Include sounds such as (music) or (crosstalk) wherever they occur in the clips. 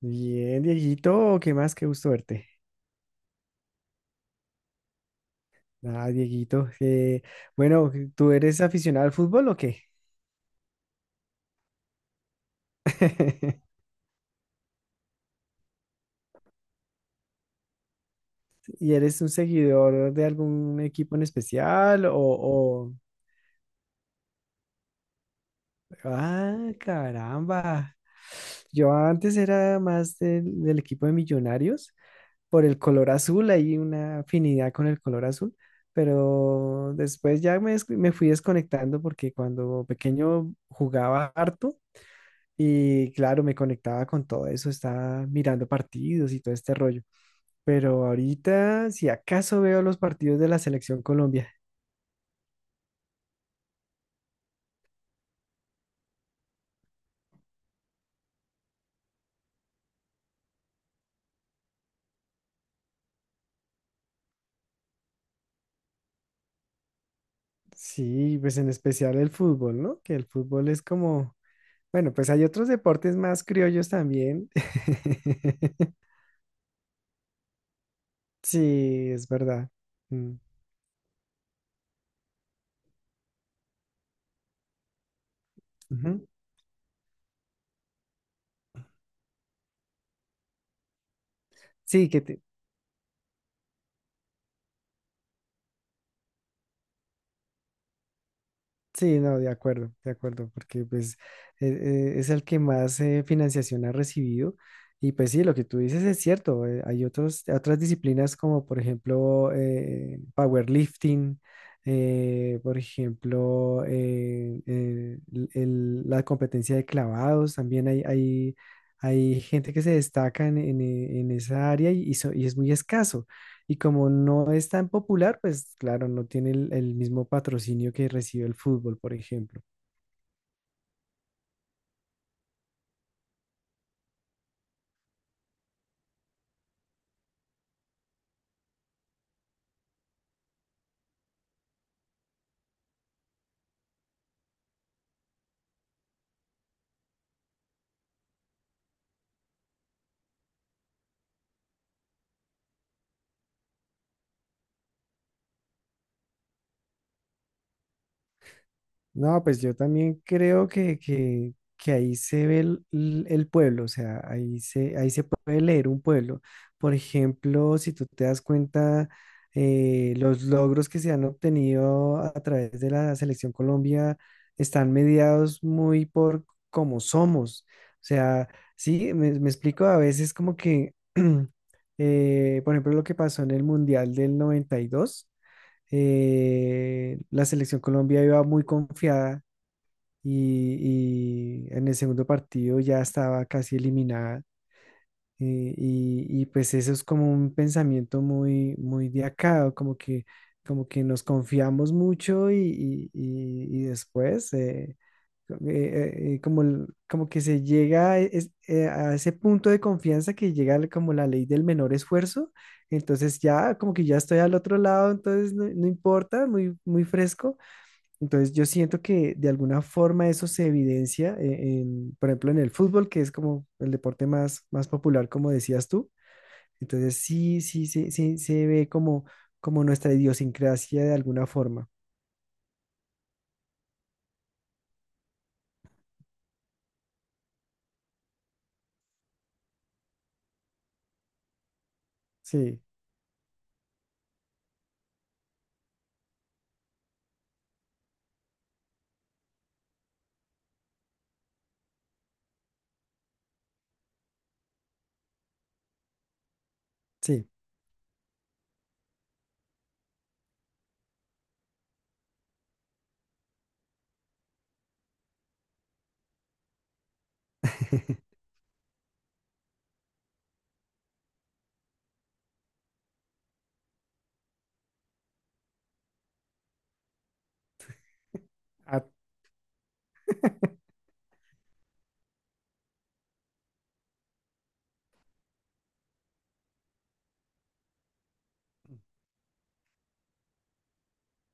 Bien, Dieguito, ¿qué más? Qué gusto verte. Ah, Dieguito, bueno, ¿tú eres aficionado al fútbol o qué? (laughs) ¿Y eres un seguidor de algún equipo en especial? O... Ah, caramba. Yo antes era más del equipo de Millonarios por el color azul, hay una afinidad con el color azul, pero después ya me fui desconectando porque cuando pequeño jugaba harto. Y claro, me conectaba con todo eso, estaba mirando partidos y todo este rollo. Pero ahorita, si acaso veo los partidos de la selección Colombia, sí, pues en especial el fútbol, ¿no? Que el fútbol es como, bueno, pues hay otros deportes más criollos también. (laughs) Sí, es verdad. Mm, ujú. Sí, que te- Sí, no, de acuerdo, porque pues es el que más financiación ha recibido y pues sí, lo que tú dices es cierto, hay otros, otras disciplinas como por ejemplo powerlifting, por ejemplo la competencia de clavados, también hay gente que se destaca en esa área y, y es muy escaso. Y como no es tan popular, pues claro, no tiene el mismo patrocinio que recibe el fútbol, por ejemplo. No, pues yo también creo que ahí se ve el pueblo, o sea, ahí se puede leer un pueblo. Por ejemplo, si tú te das cuenta, los logros que se han obtenido a través de la Selección Colombia están mediados muy por cómo somos. O sea, sí, me explico a veces como que, (clears throat) por ejemplo, lo que pasó en el Mundial del 92 la selección Colombia iba muy confiada y en el segundo partido ya estaba casi eliminada. Y pues eso es como un pensamiento muy, muy de acá, como que nos confiamos mucho y, y después como, como que se llega a, a ese punto de confianza que llega como la ley del menor esfuerzo, entonces ya como que ya estoy al otro lado, entonces no, no importa, muy, muy fresco. Entonces yo siento que de alguna forma eso se evidencia en, por ejemplo, en el fútbol, que es como el deporte más, más popular, como decías tú. Entonces sí, sí, sí, sí, se ve como, como nuestra idiosincrasia de alguna forma. Sí, sí. (laughs) Ah,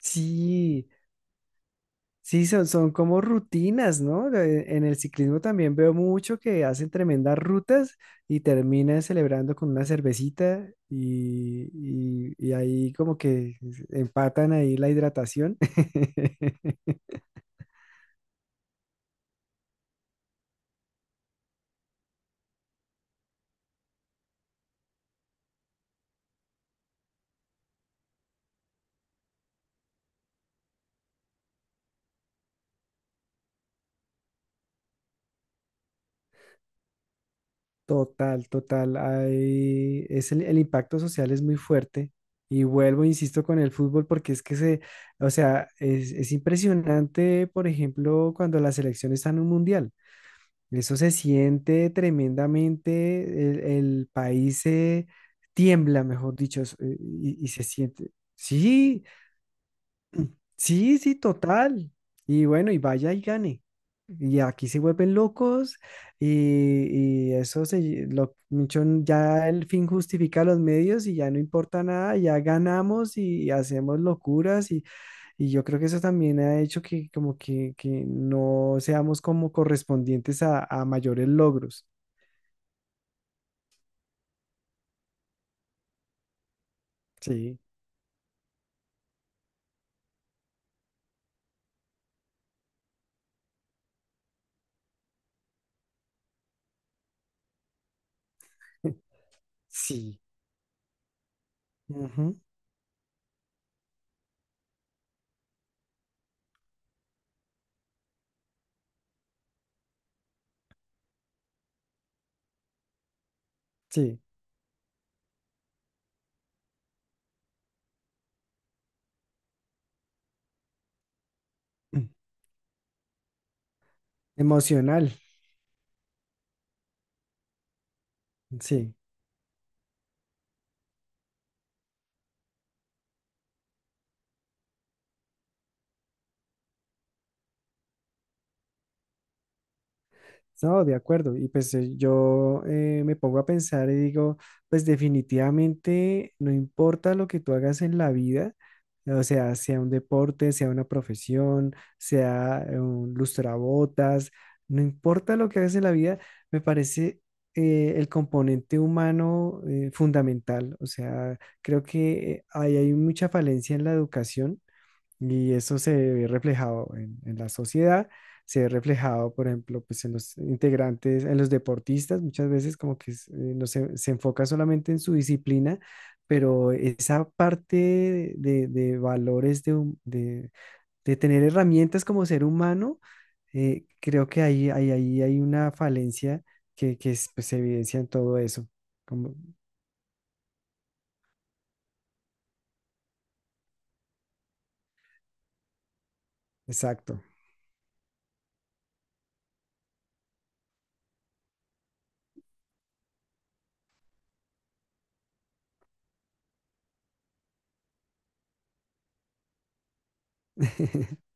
sí. Sí, son, son como rutinas, ¿no? En el ciclismo también veo mucho que hacen tremendas rutas y terminan celebrando con una cervecita y, y ahí como que empatan ahí la hidratación. (laughs) Total, total. Hay, es el impacto social es muy fuerte. Y vuelvo, insisto, con el fútbol porque es que se, o sea, es impresionante, por ejemplo, cuando la selección está en un mundial. Eso se siente tremendamente, el país se tiembla, mejor dicho, y se siente. Sí, sí, sí, total. Y bueno, y vaya y gane. Y aquí se vuelven locos y eso se, ya el fin justifica los medios y ya no importa nada, ya ganamos y, hacemos locuras y yo creo que eso también ha hecho que como que no seamos como correspondientes a mayores logros. Sí, (laughs) sí, ujú, sí, (clears throat) mm, emocional, sí, no, de acuerdo. Y pues yo me pongo a pensar y digo, pues definitivamente no importa lo que tú hagas en la vida, o sea, sea un deporte, sea una profesión, sea un lustrabotas, no importa lo que hagas en la vida, me parece el componente humano fundamental. O sea, creo que ahí hay mucha falencia en la educación. Y eso se ve reflejado en la sociedad, se ve reflejado, por ejemplo, pues en los integrantes, en los deportistas, muchas veces como que no se, se enfoca solamente en su disciplina, pero esa parte de valores, de tener herramientas como ser humano, creo que ahí hay una falencia que, pues, se evidencia en todo eso. Como, exacto. (laughs)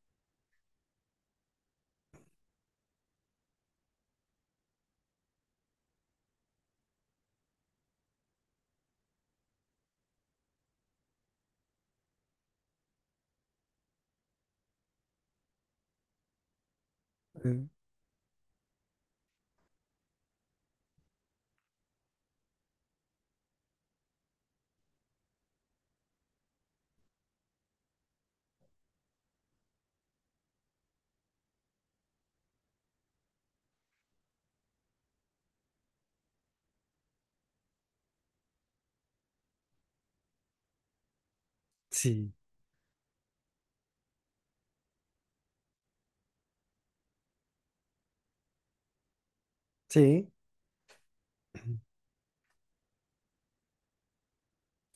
Sí, sí.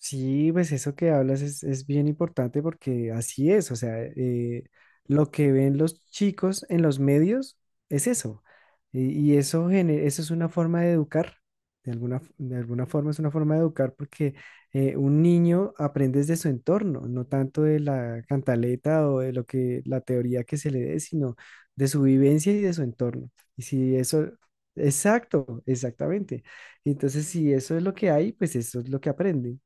Sí, pues eso que hablas es bien importante porque así es, o sea, lo que ven los chicos en los medios es eso, y eso, eso es una forma de educar, de alguna, de alguna forma es una forma de educar porque un niño aprende de su entorno, no tanto de la cantaleta o de lo que, la teoría que se le dé, sino de su vivencia y de su entorno. Y si eso, exacto, exactamente. Entonces, si eso es lo que hay, pues eso es lo que aprende.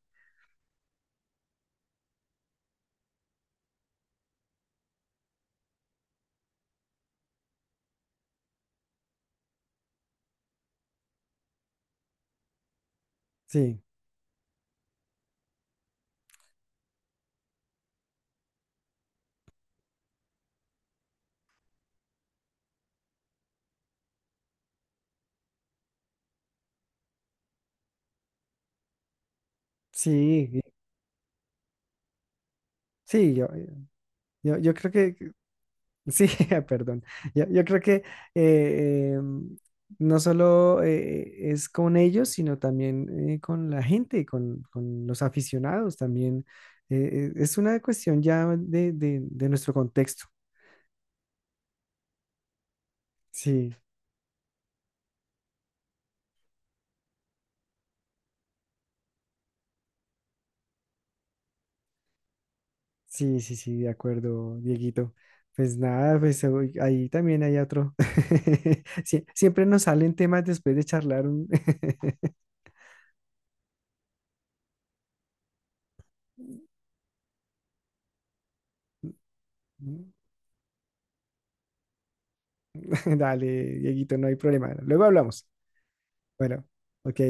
Sí, sí, y- sí, yo creo sí, (laughs) perdón, yo creo que eh, eh, no solo es con ellos, sino también con la gente, con los aficionados también. Es una cuestión ya de nuestro contexto. Sí, sí, sí, sí, de acuerdo, Dieguito. Pues nada, pues uy, ahí también hay otro. (laughs) Siempre nos salen temas después de charlar un... (laughs) (laughs) Dale, Dieguito, no hay problema. Luego hablamos. Bueno, ok.